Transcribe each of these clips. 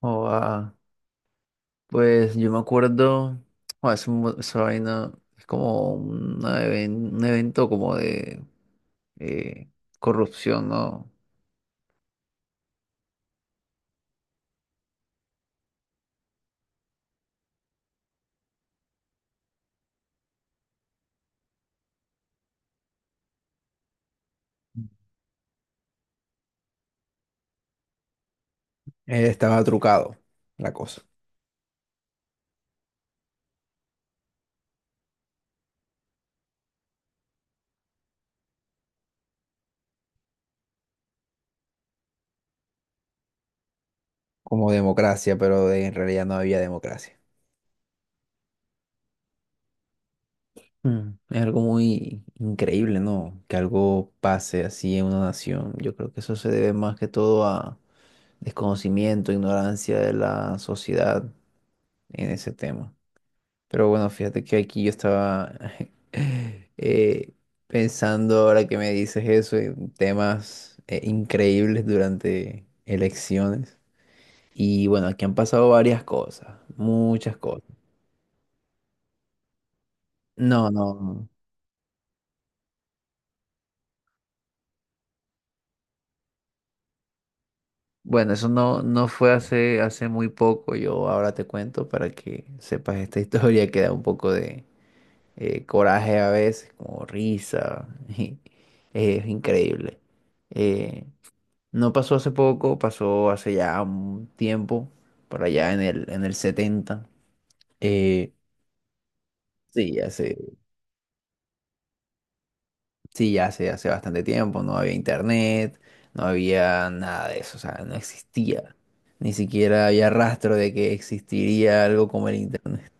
O ah, pues yo me acuerdo, esa vaina es como un evento como de eh, corrupción, ¿no? Estaba trucado la cosa, como democracia, pero en realidad no había democracia. Mm, es algo muy increíble, ¿no? Que algo pase así en una nación. Yo creo que eso se debe más que todo a desconocimiento, ignorancia de la sociedad en ese tema. Pero bueno, fíjate que aquí yo estaba eh, pensando ahora que me dices eso, en temas increíbles durante elecciones. Y bueno, aquí han pasado varias cosas, muchas cosas. No, no, no. Bueno, eso no, no fue hace muy poco. Yo ahora te cuento para que sepas esta historia que da un poco de coraje a veces, como risa. Y, es increíble. Eh, No pasó hace poco, pasó hace ya un tiempo, por allá en el 70. Eh, sí, hace, sí, ya hace, hace bastante tiempo, no había internet, no había nada de eso, o sea, no existía. Ni siquiera había rastro de que existiría algo como el internet.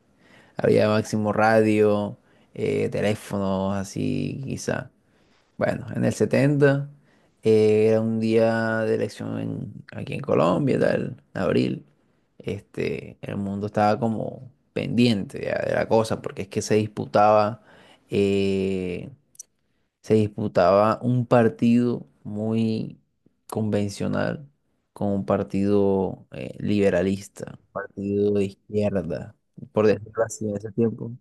Había máximo radio, teléfonos, así quizá. Bueno, en el 70 era un día de aquí en Colombia, tal, en abril. Este, el mundo estaba como pendiente ya de la cosa, porque es que se eh, se disputaba un partido muy convencional con un partido liberalista, un partido de izquierda, por decirlo así, en ese tiempo.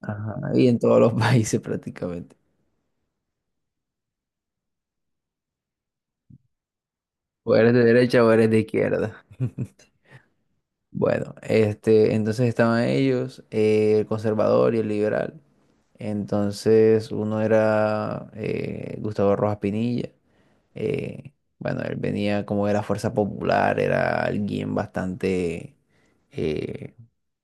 Ajá, y en todos los países prácticamente. O eres de derecha o eres de izquierda. Bueno, este, entonces estaban ellos, el conservador y el liberal. Entonces uno era Gustavo Rojas Pinilla. Bueno, él venía como de la Fuerza Popular, era alguien bastante, eh,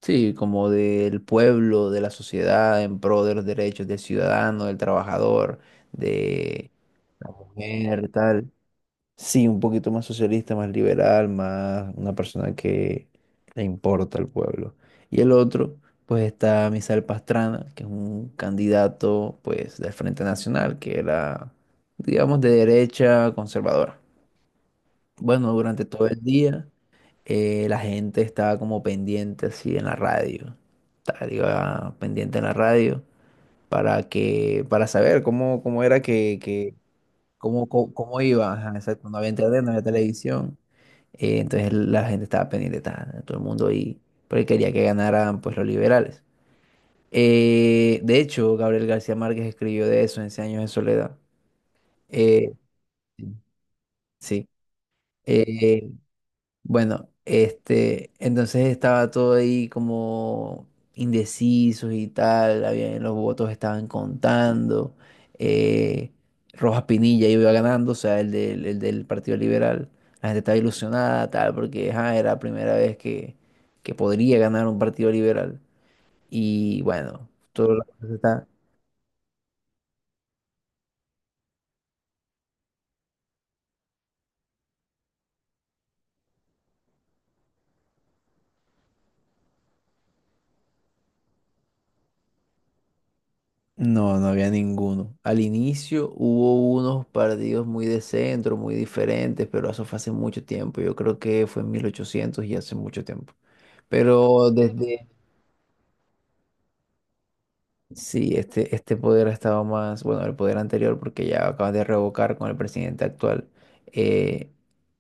sí, como del pueblo, de la sociedad, en pro de los derechos del ciudadano, del trabajador, de la mujer, tal. Sí, un poquito más socialista, más liberal, más una persona que le importa al pueblo. Y el otro, pues está Misael Pastrana, que es un candidato, pues, del Frente Nacional, que era, digamos, de derecha conservadora. Bueno, durante todo el día, la gente estaba como pendiente así en la radio. Tal, iba pendiente en la radio para para saber cómo era que cómo iba, ajá, exacto, no había internet, no había televisión, entonces la gente estaba pendiente, ta, todo el mundo ahí, porque quería que ganaran pues los liberales. De hecho, Gabriel García Márquez escribió de eso en Cien años de soledad. Eh, sí, sí. Eh, bueno, este, entonces estaba todo ahí como indecisos y tal, los votos estaban contando, eh, Rojas Pinilla iba ganando, o sea, el del Partido Liberal, la gente estaba ilusionada, tal, porque ajá, era la primera vez que podría ganar un Partido Liberal, y bueno, todo lo que está... No, no había ninguno. Al inicio hubo unos partidos muy de centro, muy diferentes, pero eso fue hace mucho tiempo. Yo creo que fue en 1800 y hace mucho tiempo. Pero desde, sí, este poder ha estado más, bueno, el poder anterior, porque ya acaban de revocar con el presidente actual, eh,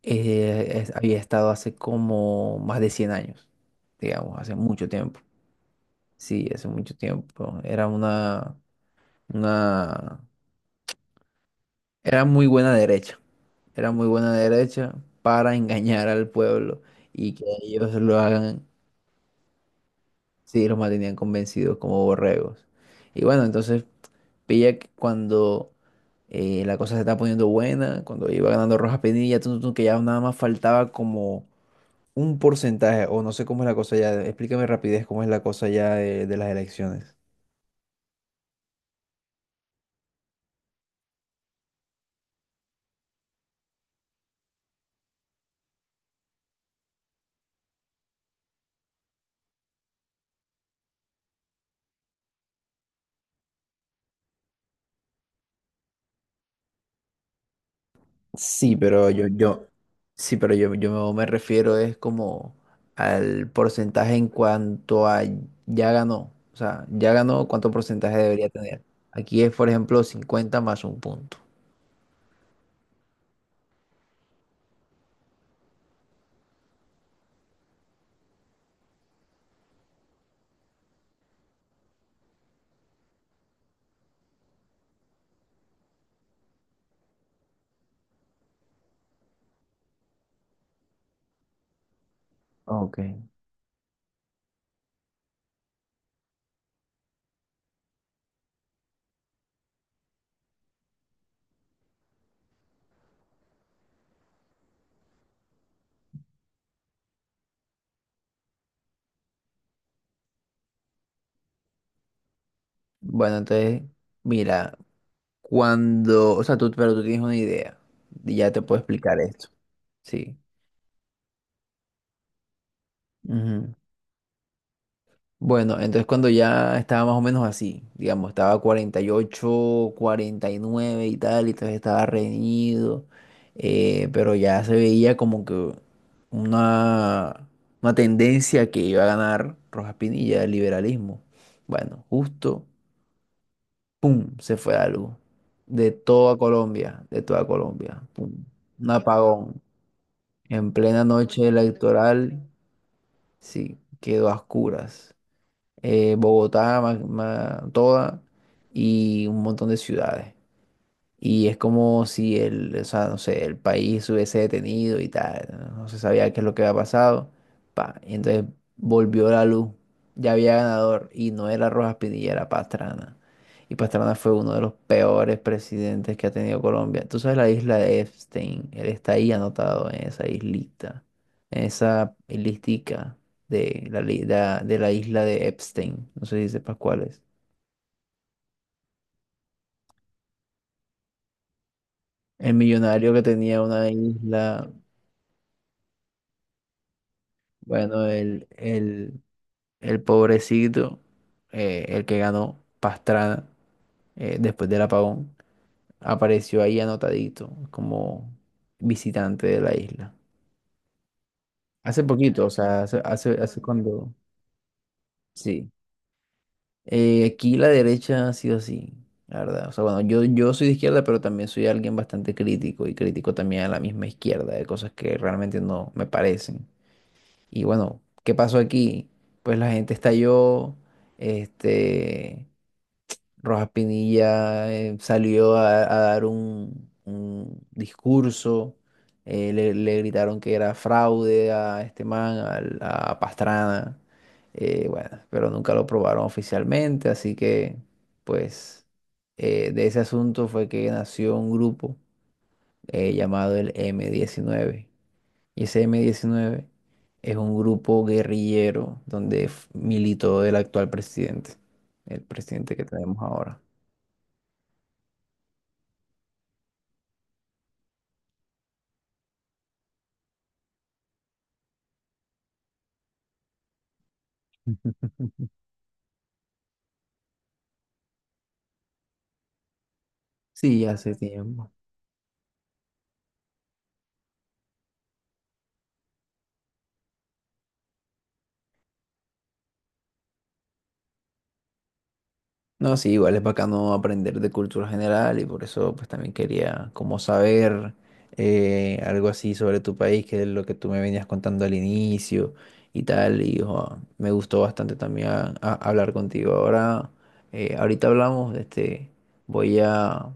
había estado hace como más de 100 años, digamos, hace mucho tiempo. Sí, hace mucho tiempo. Era una era muy buena derecha, era muy buena derecha para engañar al pueblo y que ellos lo hagan, sí, los mantenían convencidos como borregos. Y bueno, entonces pilla que cuando la cosa se está poniendo buena, cuando iba ganando Rojas Pinilla, tun, tun, que ya nada más faltaba como un porcentaje, o no sé cómo es la cosa ya, explícame rapidez cómo es la cosa ya de las elecciones. Sí, sí, pero yo me refiero es como al porcentaje en cuanto a ya ganó. O sea, ya ganó, ¿cuánto porcentaje debería tener? Aquí es, por ejemplo, 50 más un punto. Ok. Bueno, entonces, mira, cuando, o sea, tú, pero tú tienes una idea. Y ya te puedo explicar esto. Sí. Ujú. Bueno, entonces cuando ya estaba más o menos así, digamos, estaba 48, 49 y tal, y entonces estaba reñido, pero ya se veía como que una, una tendencia que iba a ganar Rojas Pinilla, el liberalismo. Bueno, justo, ¡pum!, se fue algo. De toda Colombia, ¡pum! Un apagón. En plena noche electoral, sí, quedó a oscuras Bogotá, toda y un montón de ciudades. Y es como si el, o sea, no sé, el país hubiese detenido y tal, no. No se sabía qué es lo que había pasado. Pa, y entonces volvió la luz, ya había ganador y no era Rojas Pinilla, era Pastrana. Y Pastrana fue uno de los peores presidentes que ha tenido Colombia. Tú sabes la isla de Epstein, él está ahí anotado en esa islita, en esa listica de de la isla de Epstein, no sé si sepas cuál es. El millonario que tenía una isla. Bueno, el pobrecito, el que ganó Pastrana después del apagón, apareció ahí anotadito como visitante de la isla. Hace poquito, o sea, hace cuando... Sí. Aquí la derecha ha sido así, la verdad. O sea, bueno, yo soy de izquierda, pero también soy alguien bastante crítico y crítico también a la misma izquierda, de cosas que realmente no me parecen. Y bueno, ¿qué pasó aquí? Pues la gente estalló, este, Rojas Pinilla salió a dar un discurso, le gritaron que era fraude a este man, Pastrana, bueno, pero nunca lo probaron oficialmente, así que pues de ese asunto fue que nació un grupo llamado el M19 y ese M-19 es un grupo guerrillero donde militó el actual presidente, el presidente que tenemos ahora. Sí, hace tiempo. No, sí, igual es bacano aprender de cultura general y por eso pues también quería como saber algo así sobre tu país, que es lo que tú me venías contando al inicio y tal, y jo, me gustó bastante también hablar contigo. Ahora, ahorita hablamos, este, voy a,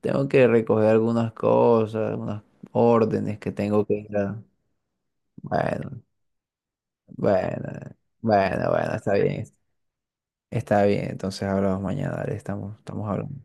tengo que recoger algunas cosas, unas órdenes que tengo que ir a... Bueno, bueno, bueno, está bien. Está bien, entonces hablamos mañana, dale, estamos hablando.